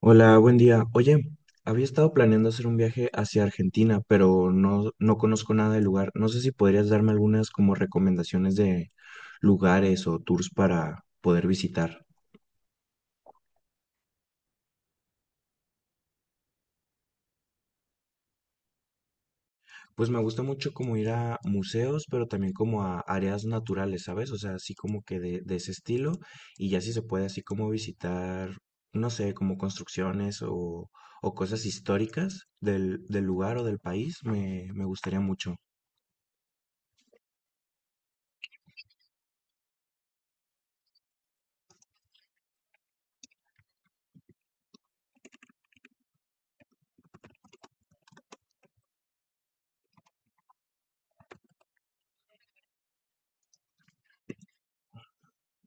Hola, buen día. Oye, había estado planeando hacer un viaje hacia Argentina, pero no conozco nada del lugar. No sé si podrías darme algunas como recomendaciones de lugares o tours para poder visitar. Pues me gusta mucho como ir a museos, pero también como a áreas naturales, ¿sabes? O sea, así como que de ese estilo. Y ya si se puede así como visitar, no sé, como construcciones o cosas históricas del lugar o del país, me gustaría mucho.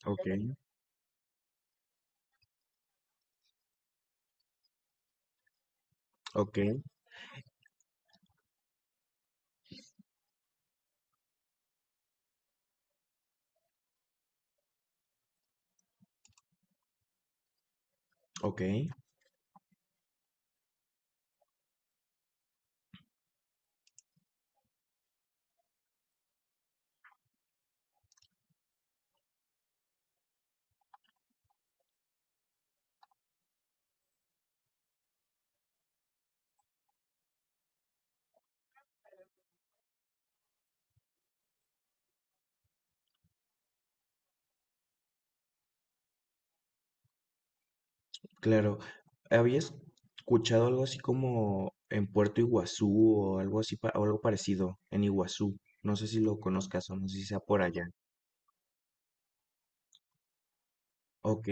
Ok, ok. Ok, claro. ¿Habías escuchado algo así como en Puerto Iguazú o algo así o algo parecido en Iguazú? No sé si lo conozcas o no sé si sea por allá. Ok,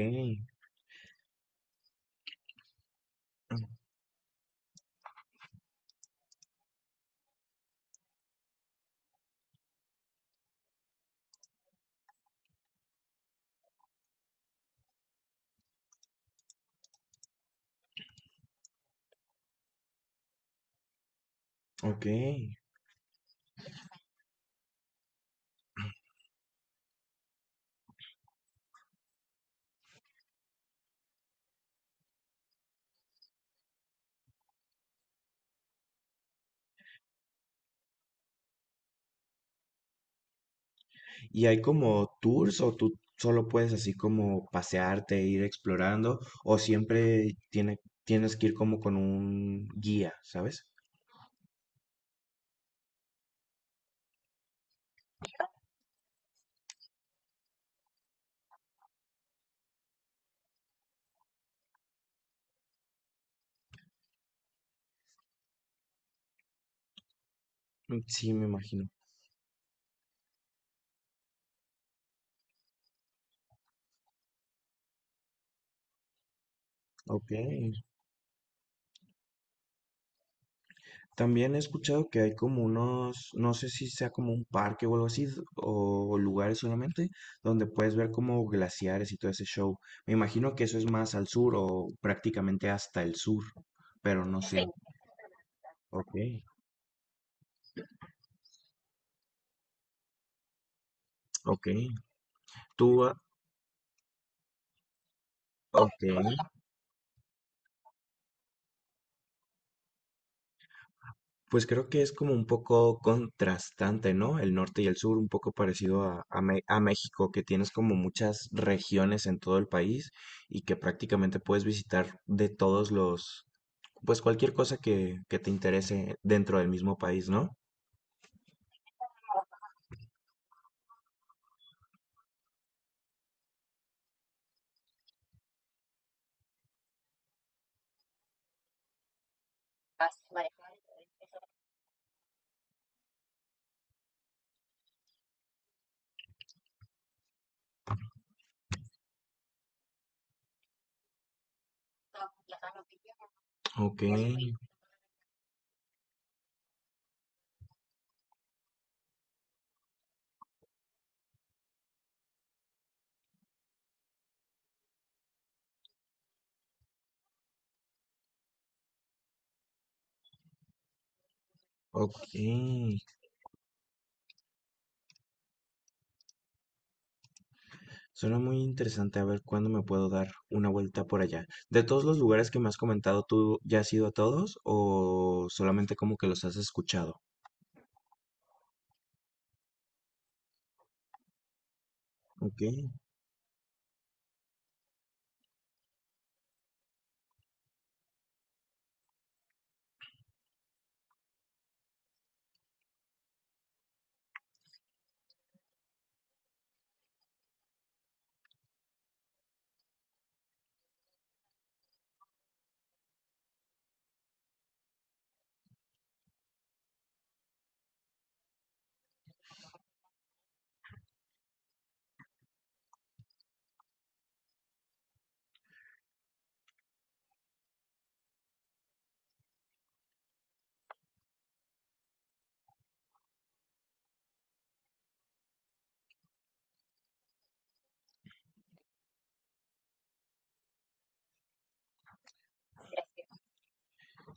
ok. ¿Y hay como tours o tú solo puedes así como pasearte e ir explorando, o siempre tienes que ir como con un guía, ¿sabes? Mm, sí, me imagino. Ok. También he escuchado que hay como unos, no sé si sea como un parque o algo así, o lugares solamente, donde puedes ver como glaciares y todo ese show. Me imagino que eso es más al sur o prácticamente hasta el sur, pero no sé. Ok, ok. Tú, ah, ok. Pues creo que es como un poco contrastante, ¿no? El norte y el sur, un poco parecido a México, que tienes como muchas regiones en todo el país y que prácticamente puedes visitar de todos los... Pues cualquier cosa que te interese dentro del mismo país, ¿no? Ok. Por supuesto. Ok. Suena muy interesante, a ver cuándo me puedo dar una vuelta por allá. De todos los lugares que me has comentado, ¿tú ya has ido a todos o solamente como que los has escuchado? Ok,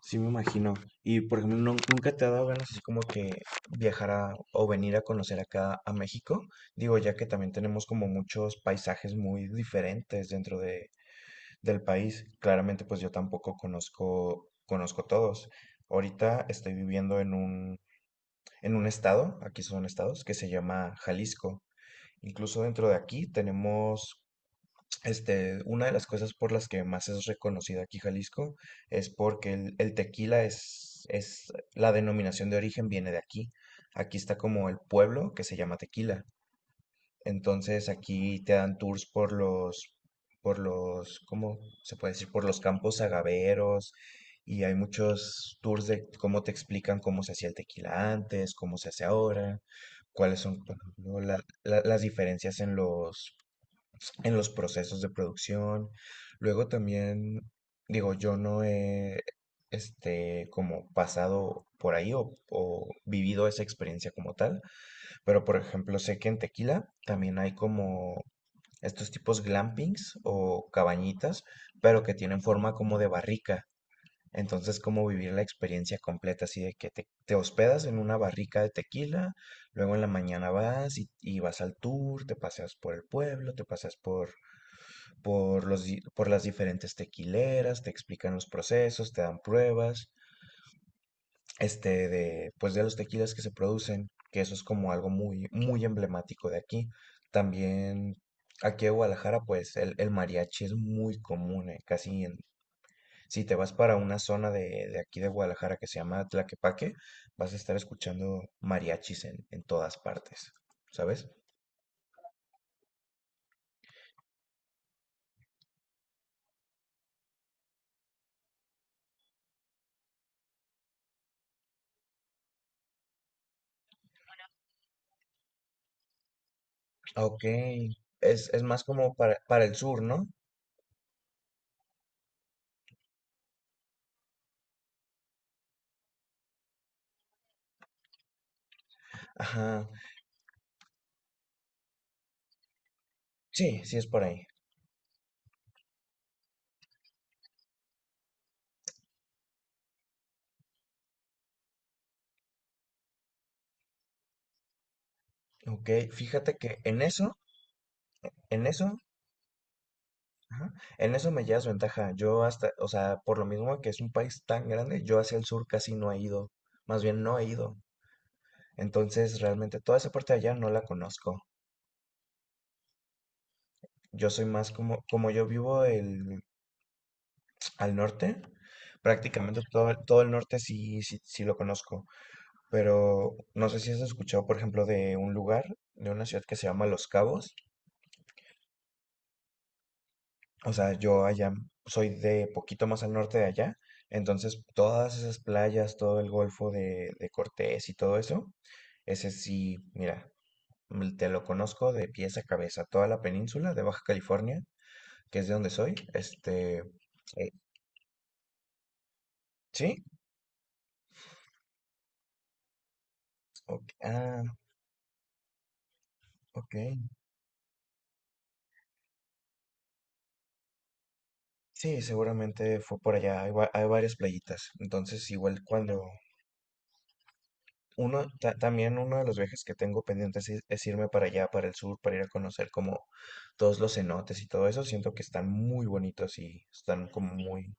sí, me imagino. Y por ejemplo, ¿nunca te ha dado ganas así como que viajar o venir a conocer acá a México? Digo, ya que también tenemos como muchos paisajes muy diferentes dentro de del país. Claramente, pues yo tampoco conozco, conozco todos. Ahorita estoy viviendo en un estado, aquí son estados, que se llama Jalisco. Incluso dentro de aquí tenemos, este, una de las cosas por las que más es reconocida aquí Jalisco es porque el tequila es, la denominación de origen viene de aquí. Aquí está como el pueblo que se llama Tequila. Entonces aquí te dan por los, ¿cómo se puede decir? Por los campos agaveros, y hay muchos tours de cómo te explican cómo se hacía el tequila antes, cómo se hace ahora, cuáles son, por ejemplo, las diferencias en los procesos de producción. Luego también, digo, yo no he, este, como pasado por ahí o vivido esa experiencia como tal, pero por ejemplo, sé que en Tequila también hay como estos tipos glampings o cabañitas, pero que tienen forma como de barrica. Entonces, como vivir la experiencia completa, así de que te hospedas en una barrica de tequila, luego en la mañana vas y vas al tour, te paseas por el pueblo, te paseas por las diferentes tequileras, te explican los procesos, te dan pruebas, este, de, pues de los tequilas que se producen, que eso es como algo muy, muy emblemático de aquí. También aquí en Guadalajara, pues el mariachi es muy común, casi en, si te vas para una zona de aquí de Guadalajara que se llama Tlaquepaque, vas a estar escuchando mariachis en todas partes, ¿sabes? Ok, es más como para el sur, ¿no? Ajá, sí, sí es por ahí. Ok, fíjate que en eso. Ajá. En eso me llevas ventaja. Yo hasta, o sea, por lo mismo que es un país tan grande, yo hacia el sur casi no he ido. Más bien no he ido. Entonces, realmente toda esa parte de allá no la conozco. Yo soy más como, como yo vivo el, al norte, prácticamente todo, todo el norte sí, sí, sí lo conozco. Pero no sé si has escuchado, por ejemplo, de una ciudad que se llama Los Cabos. O sea, yo allá soy de poquito más al norte de allá, entonces todas esas playas, todo el Golfo de Cortés y todo eso, ese sí, mira, mm, te lo conozco de pies a cabeza, toda la península de Baja California, que es de donde soy, este, eh, ¿sí? Ok, ah, ok, sí, seguramente fue por allá, hay, hay varias playitas, entonces igual cuando... Uno, también uno de los viajes que tengo pendientes es irme para allá, para el sur, para ir a conocer como todos los cenotes y todo eso. Siento que están muy bonitos y están como muy...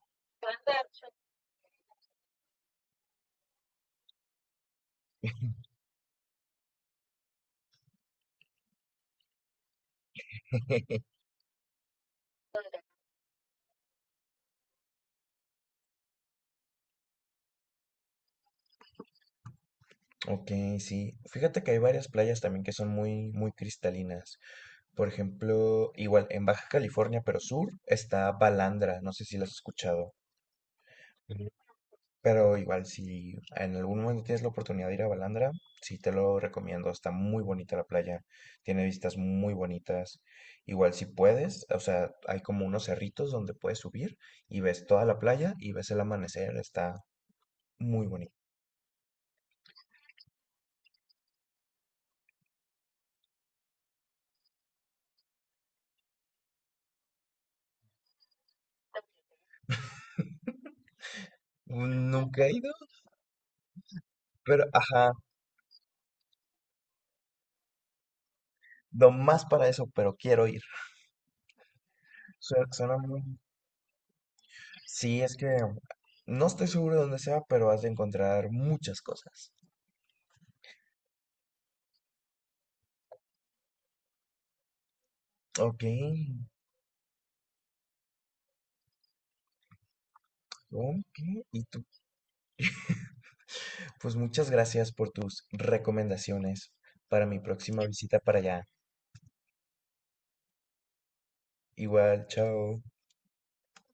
Ok, sí. Fíjate que hay varias playas también que son muy, muy cristalinas. Por ejemplo, igual en Baja California, pero sur, está Balandra. No sé si las has escuchado. Pero igual, si en algún momento tienes la oportunidad de ir a Balandra, sí te lo recomiendo. Está muy bonita la playa, tiene vistas muy bonitas. Igual, si puedes, o sea, hay como unos cerritos donde puedes subir y ves toda la playa y ves el amanecer. Está muy bonito. Nunca he ido, pero ajá, no más para eso, pero quiero ir. Suena, suena muy... Sí, es que no estoy seguro de dónde sea, pero has de encontrar muchas cosas. Ok, ok. ¿Y tú? Pues muchas gracias por tus recomendaciones para mi próxima visita para allá. Igual, chao.